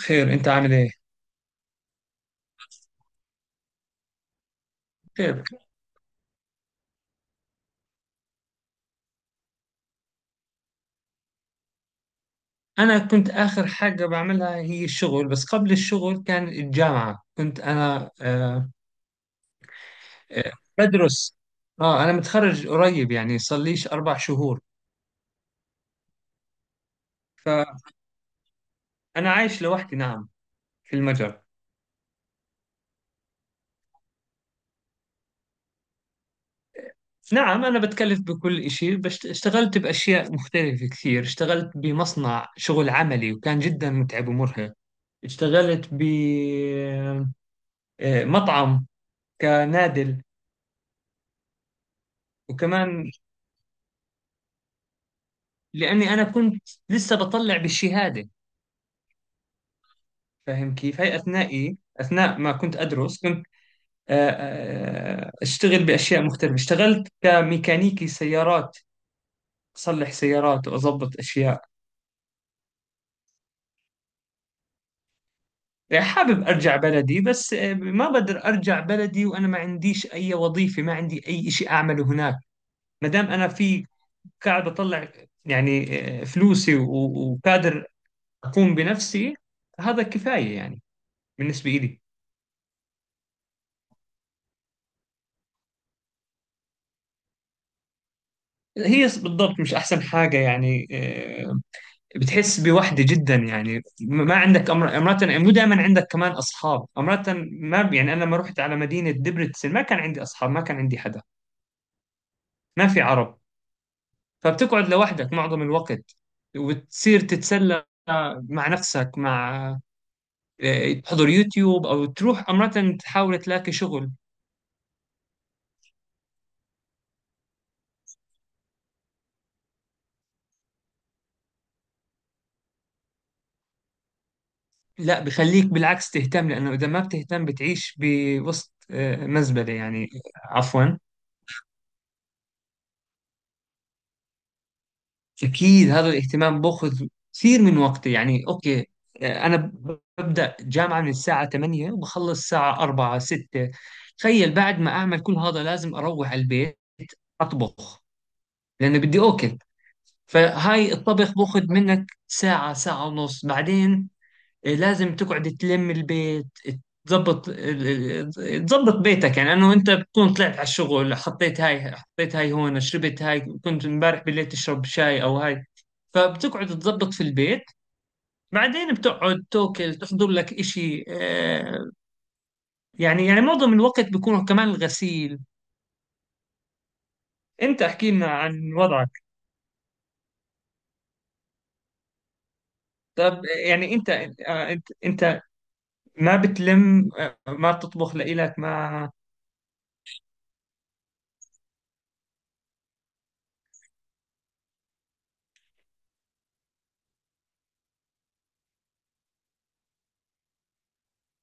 خير، انت عامل ايه؟ خير. انا كنت اخر حاجه بعملها هي الشغل، بس قبل الشغل كان الجامعه. كنت انا آه، بدرس. اه انا متخرج قريب، يعني صار ليش 4 شهور. فانا عايش لوحدي، نعم. في المجر. نعم، انا بتكلف بكل شيء، بس اشتغلت باشياء مختلفه كثير. اشتغلت بمصنع شغل عملي، وكان جدا متعب ومرهق. اشتغلت بمطعم كنادل. وكمان لأني أنا كنت لسه بطلع بالشهادة، فاهم كيف؟ هاي أثناء ما كنت أدرس كنت أشتغل بأشياء مختلفة. اشتغلت كميكانيكي سيارات، أصلح سيارات وأضبط أشياء. يعني حابب أرجع بلدي، بس ما بقدر أرجع بلدي وأنا ما عنديش أي وظيفة، ما عندي أي إشي أعمله هناك. ما دام أنا في، قاعد بطلع يعني فلوسي، وقادر أقوم بنفسي، هذا كفاية يعني بالنسبة إلي. هي بالضبط مش احسن حاجه، يعني آه، بتحس بوحده جدا. يعني ما عندك امرات، مو دائما عندك كمان اصحاب امرات. ما يعني انا لما رحت على مدينه دبرتسن ما كان عندي اصحاب، ما كان عندي حدا، ما في عرب. فبتقعد لوحدك معظم الوقت، وتصير تتسلى مع نفسك، مع تحضر يوتيوب او تروح امرات تحاول تلاقي شغل. لا، بخليك بالعكس تهتم، لانه اذا ما بتهتم بتعيش بوسط مزبله، يعني. عفوا. أكيد هذا الاهتمام بأخذ كثير من وقتي. يعني أوكي، أنا ببدأ جامعة من الساعة 8 وبخلص الساعة 4 6. تخيل بعد ما أعمل كل هذا لازم أروح على البيت، أطبخ لأنه بدي أكل. فهاي الطبخ بأخذ منك ساعة، ساعة ونص. بعدين إيه، لازم تقعد تلم البيت، تظبط تظبط بيتك. يعني انه انت بتكون طلعت على الشغل، حطيت هاي، حطيت هاي هون، شربت هاي، كنت امبارح بالليل تشرب شاي او هاي. فبتقعد تظبط في البيت، بعدين بتقعد توكل تحضر لك اشي. معظم الوقت بيكون كمان الغسيل. انت احكي لنا عن وضعك. طب يعني انت، انت ما بتلم، ما بتطبخ لإلك، ما...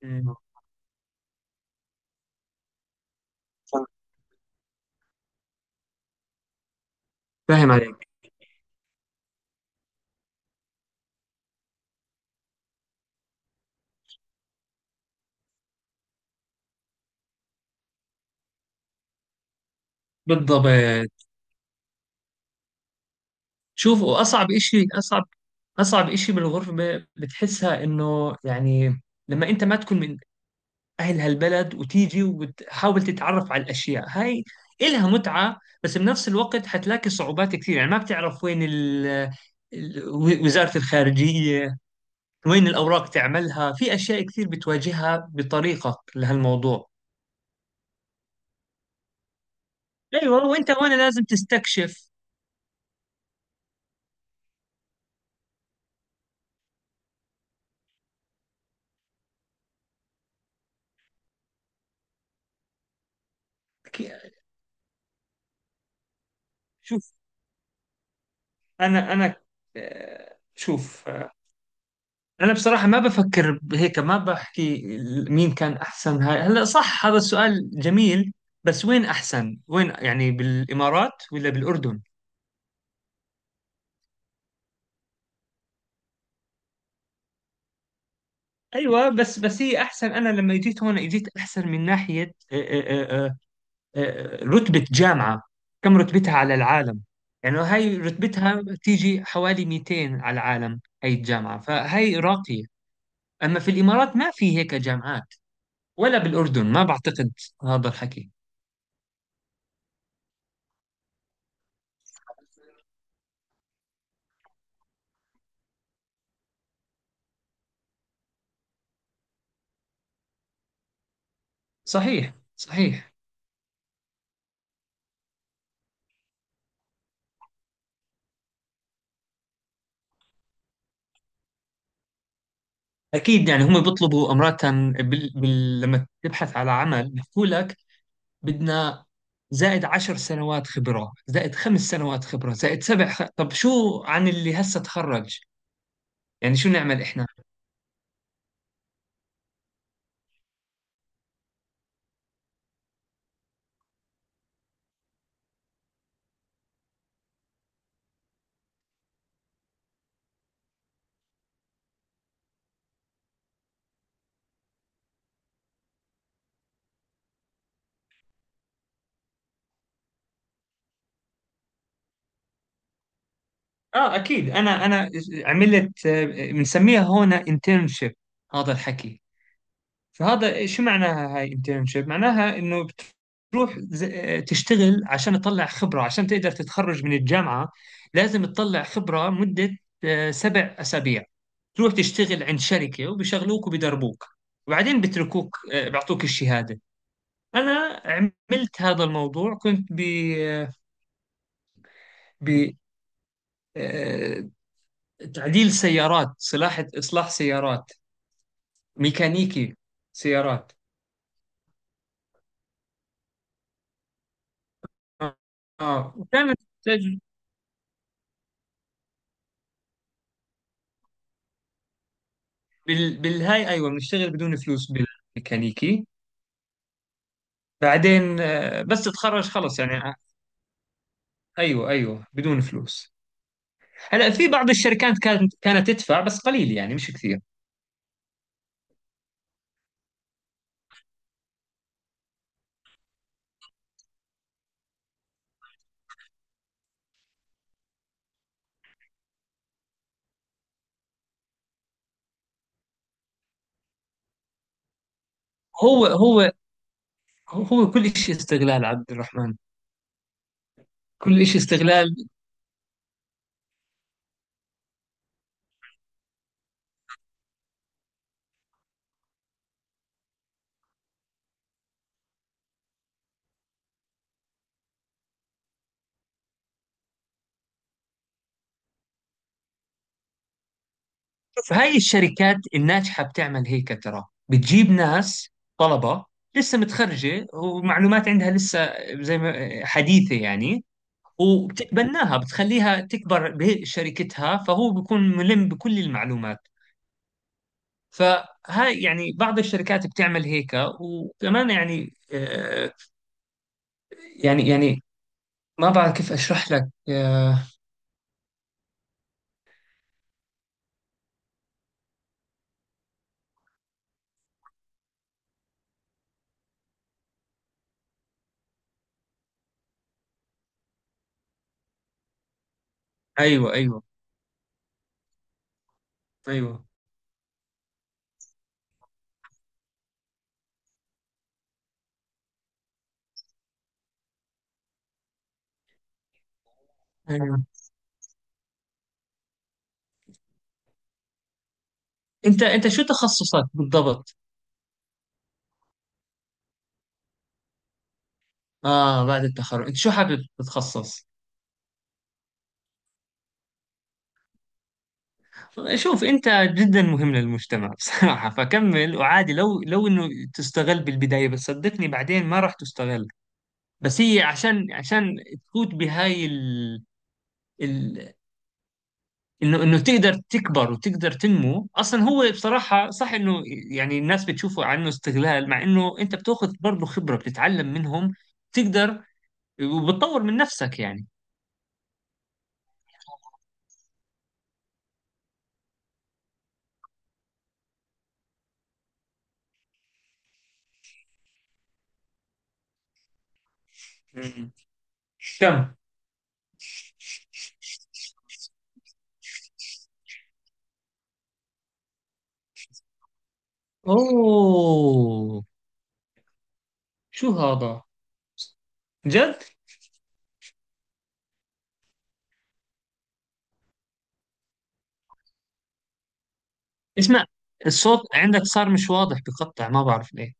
مم. فاهم عليك، بالضبط. شوف، واصعب اشي اصعب اصعب اشي بالغربه، بتحسها انه يعني لما انت ما تكون من اهل هالبلد وتيجي وتحاول تتعرف على الاشياء هاي. إلها متعه بس بنفس الوقت حتلاقي صعوبات كثير. يعني ما بتعرف وين ال- وزاره الخارجيه، وين الاوراق تعملها. في اشياء كثير بتواجهها بطريقه لهالموضوع. ايوه، وانت وانا لازم تستكشف. ك- شوف، انا شوف. انا بصراحه ما بفكر بهيك، ما بحكي مين كان احسن. هاي هلا صح، هذا السؤال جميل، بس وين احسن وين؟ يعني بالامارات ولا بالاردن؟ ايوه، بس هي احسن. انا لما جيت هون جيت احسن من ناحيه رتبه جامعه، كم رتبتها على العالم. يعني هاي رتبتها تيجي حوالي 200 على العالم، هاي الجامعه، فهاي راقيه. اما في الامارات ما في هيك جامعات، ولا بالاردن ما بعتقد هذا الحكي. صحيح صحيح. أكيد، يعني هم بيطلبوا أمرة، لما تبحث على عمل بيحكوا لك: بدنا زائد 10 سنوات خبرة، زائد 5 سنوات خبرة، زائد طب شو عن اللي هسه تخرج؟ يعني شو نعمل إحنا؟ آه أكيد، أنا عملت بنسميها هون انترنشيب، هذا الحكي. فهذا شو معناها هاي انترنشيب؟ معناها انه بتروح تشتغل عشان تطلع خبرة، عشان تقدر تتخرج من الجامعة. لازم تطلع خبرة مدة 7 أسابيع، تروح تشتغل عند شركة وبيشغلوك وبيدربوك، وبعدين بتركوك بيعطوك الشهادة. أنا عملت هذا الموضوع، كنت ب ب آه، تعديل سيارات، إصلاح سيارات، ميكانيكي سيارات. آه وكانت بالهاي، ايوه بنشتغل بدون فلوس، بالميكانيكي. بعدين بس تتخرج خلص، يعني ايوه ايوه بدون فلوس. هلا في بعض الشركات كانت تدفع بس قليل، يعني مش كثير. هو هو هو كل شيء استغلال، عبد الرحمن، كل شيء استغلال. فهاي الشركات الناجحة بتعمل هيك ترى، بتجيب ناس، طلبة لسه متخرجة ومعلومات عندها لسه زي ما حديثة يعني. وبتتبناها، بتخليها تكبر بشركتها، فهو بيكون ملم بكل المعلومات. فهاي يعني بعض الشركات بتعمل هيك. وكمان يعني يعني ما بعرف كيف اشرح لك ايوه ايوه ايوه. ايوه انت شو تخصصك بالضبط؟ اه بعد التخرج انت شو حابب تتخصص؟ شوف، انت جدا مهم للمجتمع بصراحة. فكمل، وعادي لو انه تستغل بالبداية، بس صدقني بعدين ما راح تستغل. بس هي عشان تفوت بهاي ال... انه تقدر تكبر وتقدر تنمو. اصلا هو بصراحه صح انه يعني الناس بتشوفه عنه استغلال، مع انه انت بتاخذ برضه خبره، بتتعلم منهم، تقدر وبتطور من نفسك يعني. مم. كم. اوه، شو هذا؟ جد؟ اسمع، الصوت عندك صار مش واضح، بقطع، ما بعرف ليه.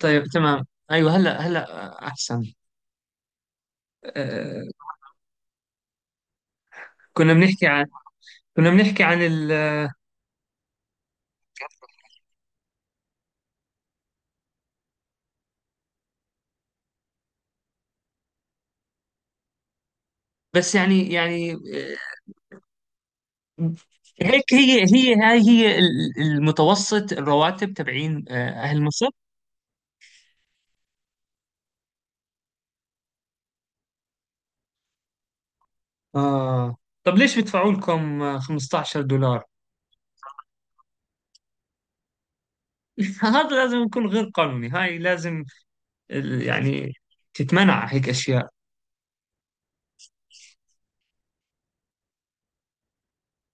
طيب تمام، ايوه هلا، هلا احسن. أه، كنا بنحكي عن، كنا بنحكي عن ال بس يعني، هيك، هي هي هاي هي ال- المتوسط الرواتب تبعين أهل مصر. آه. طب ليش بدفعوا لكم 15 دولار؟ هذا لازم يكون غير قانوني، هاي لازم يعني تتمنع هيك أشياء.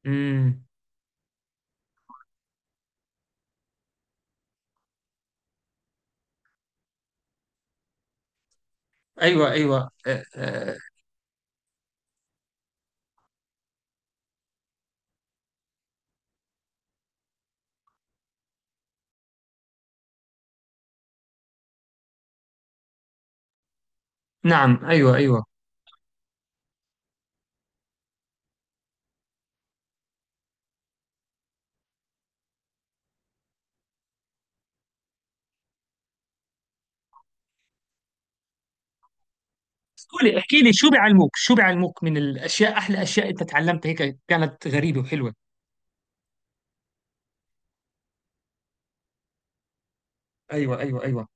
امم. أيوة أيوة، آه آه. نعم، أيوة أيوة. قولي، احكي لي شو بيعلموك، من الأشياء، أحلى أشياء أنت تعلمتها هيك كانت غريبة وحلوة. أيوة أيوة أيوة.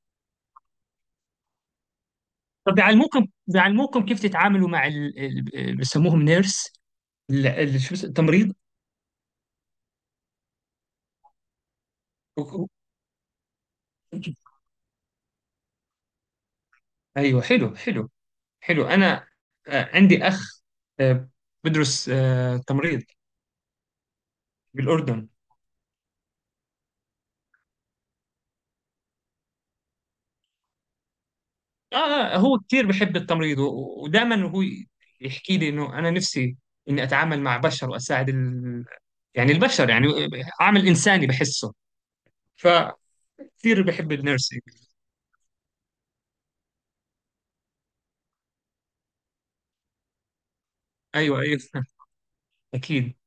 طب بيعلموكم كيف تتعاملوا مع بيسموهم نيرس، التمريض. ايوه حلو، حلو حلو. انا عندي اخ آه، بدرس تمريض بالاردن. اه، هو كثير بحب التمريض، ودائما هو يحكي لي انه انا نفسي اني اتعامل مع بشر واساعد يعني البشر، يعني عامل انساني بحسه، فكثير بحب النيرسينج. ايوه ايوه اكيد.